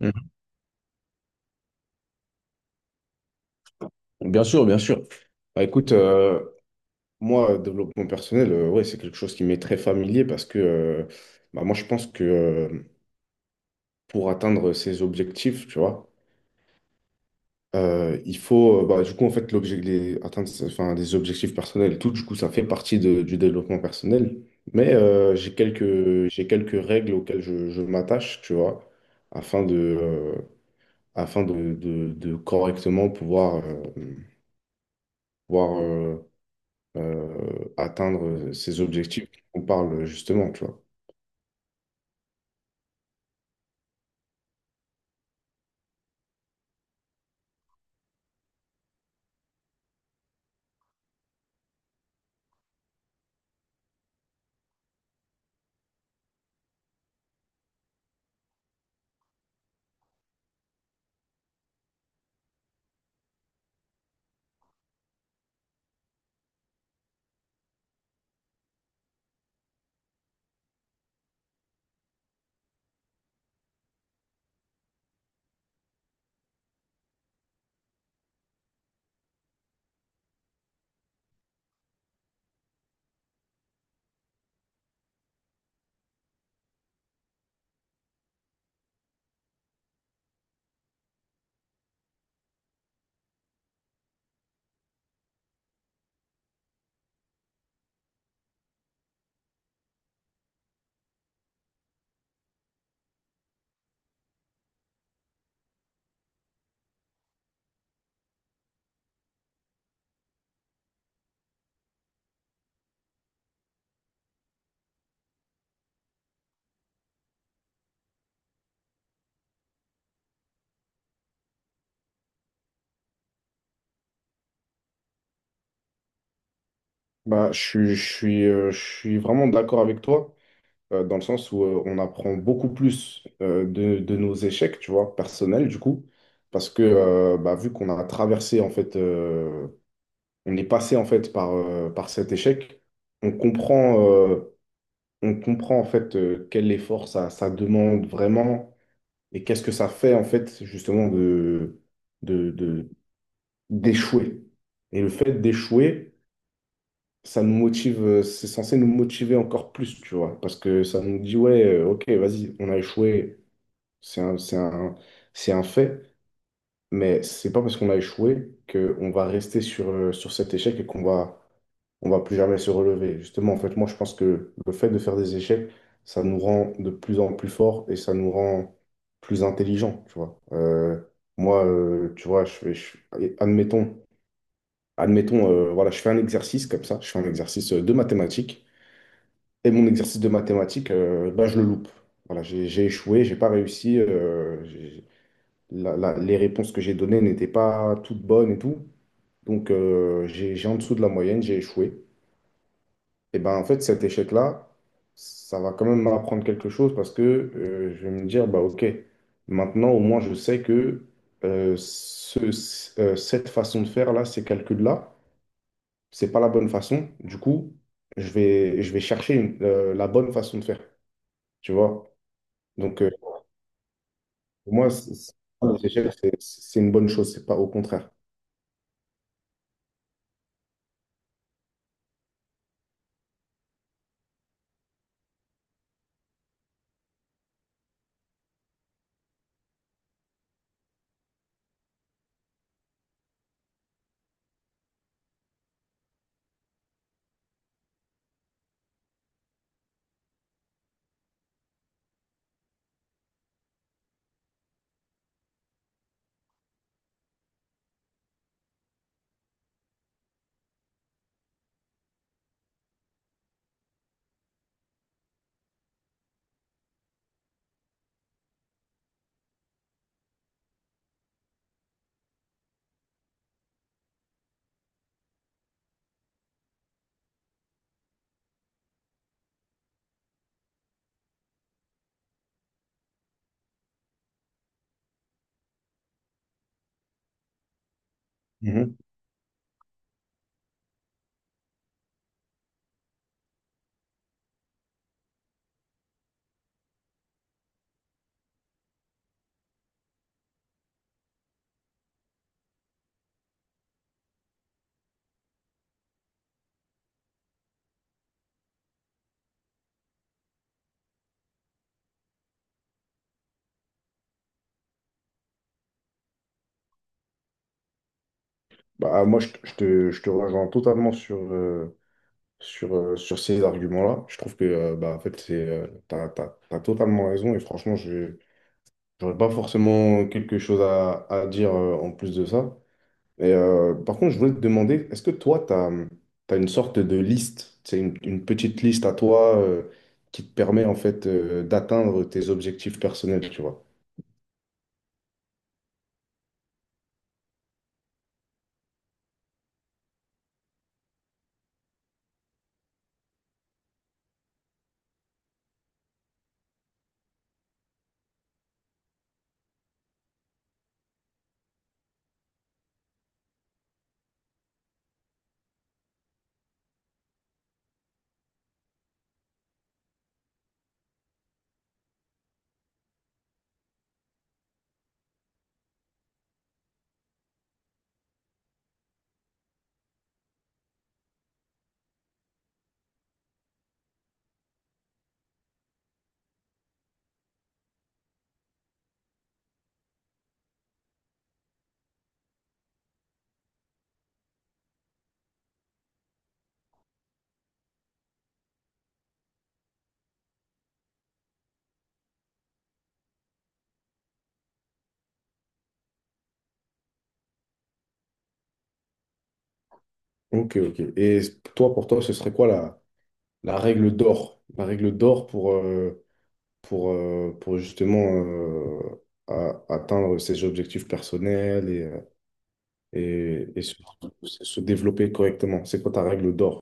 Mhm. Bien sûr, bien sûr. Écoute, moi, développement personnel, ouais, c'est quelque chose qui m'est très familier parce que bah, moi, je pense que pour atteindre ses objectifs, tu vois, il faut, bah, du coup, en fait, atteindre enfin, des objectifs personnels et tout, du coup, ça fait partie du développement personnel. Mais j'ai quelques règles auxquelles je m'attache, tu vois, afin de, euh, de correctement pouvoir, pouvoir atteindre ces objectifs dont on parle justement, tu vois. Bah, je suis vraiment d'accord avec toi, dans le sens où on apprend beaucoup plus de nos échecs, tu vois, personnels, du coup, parce que bah, vu qu'on a traversé, en fait, on est passé, en fait, par cet échec, on comprend, euh, on comprend en fait quel effort ça, ça demande vraiment et qu'est-ce que ça fait en fait justement de, de- d'échouer. Et le fait d'échouer, ça nous motive, c'est censé nous motiver encore plus, tu vois, parce que ça nous dit, ouais, ok, vas-y, on a échoué, c'est un, c'est un, c'est un fait, mais c'est pas parce qu'on a échoué qu'on va rester sur, sur cet échec et qu'on va on va plus jamais se relever. Justement, en fait, moi, je pense que le fait de faire des échecs, ça nous rend de plus en plus forts et ça nous rend plus intelligents, tu vois. Moi, tu vois, admettons, admettons, voilà, je fais un exercice comme ça, je fais un exercice de mathématiques et mon exercice de mathématiques, ben, je le loupe. Voilà, j'ai échoué, j'ai pas réussi, les réponses que j'ai données n'étaient pas toutes bonnes et tout. Donc, j'ai en dessous de la moyenne, j'ai échoué. Et ben en fait, cet échec-là, ça va quand même m'apprendre quelque chose parce que je vais me dire, bah ok, maintenant au moins je sais que cette façon de faire là, ces calculs-là, c'est pas la bonne façon. Du coup, je vais chercher la bonne façon de faire, tu vois. Donc, pour moi, les échecs, c'est une bonne chose, c'est pas au contraire. Mhm. Bah, moi, je, te, je te je te rejoins totalement sur ces arguments-là. Je trouve que bah, en fait, c'est, t'as totalement raison et franchement, je n'aurais pas forcément quelque chose à dire en plus de ça. Et, par contre, je voulais te demander, est-ce que toi, tu as, une sorte de liste, c'est une petite liste à toi qui te permet en fait d'atteindre tes objectifs personnels, tu vois? Ok, ok. Et toi, pour toi, ce serait quoi la règle d'or? La règle d'or pour, pour justement atteindre ses objectifs personnels et et se développer correctement. C'est quoi ta règle d'or?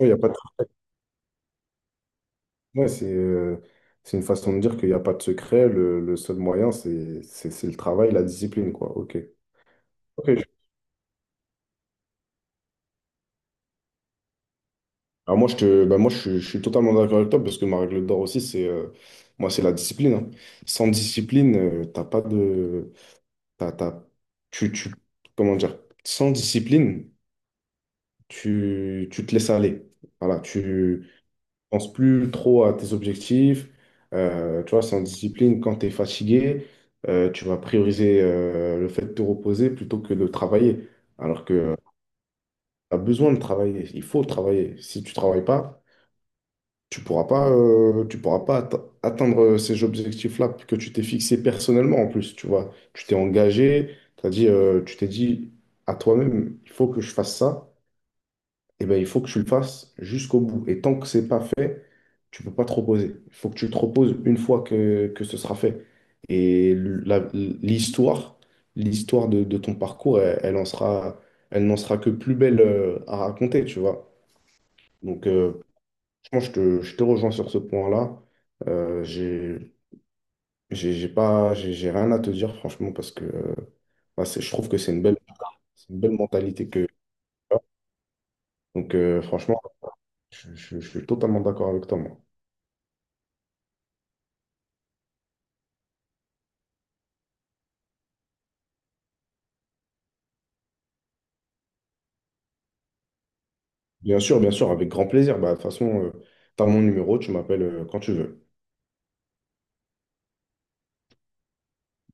Il y a pas de... ouais, c'est c'est une façon de dire qu'il n'y a pas de secret. Le seul moyen, c'est le travail, la discipline, quoi. OK. Ok. Alors moi, je te, bah moi, je suis totalement d'accord avec toi parce que ma règle d'or aussi, c'est moi, c'est la discipline. Hein. Sans discipline, t'as pas de, t'as, t'as- tu, tu, comment dire, sans discipline, tu te laisses aller. Voilà, tu penses plus trop à tes objectifs. Tu vois, sans discipline, quand tu es fatigué, tu vas prioriser le fait de te reposer plutôt que de travailler. Alors que tu as besoin de travailler, il faut travailler. Si tu travailles pas, tu pourras pas atteindre ces objectifs-là que tu t'es fixé personnellement en plus. Tu vois, tu t'es engagé, tu t'es dit à toi-même, il faut que je fasse ça. Eh ben, il faut que tu le fasses jusqu'au bout. Et tant que c'est pas fait, tu peux pas te reposer. Il faut que tu te reposes une fois que ce sera fait. Et l'histoire de ton parcours, elle n'en sera que plus belle à raconter, tu vois. Donc, franchement, je te rejoins sur ce point-là. Euh, j'ai, j'ai pas, j'ai rien à te dire, franchement, parce que bah, je trouve que c'est une belle mentalité que. Donc, franchement, je suis totalement d'accord avec toi, moi. Bien sûr, avec grand plaisir. Bah, de toute façon, tu as mon numéro, tu m'appelles quand tu veux.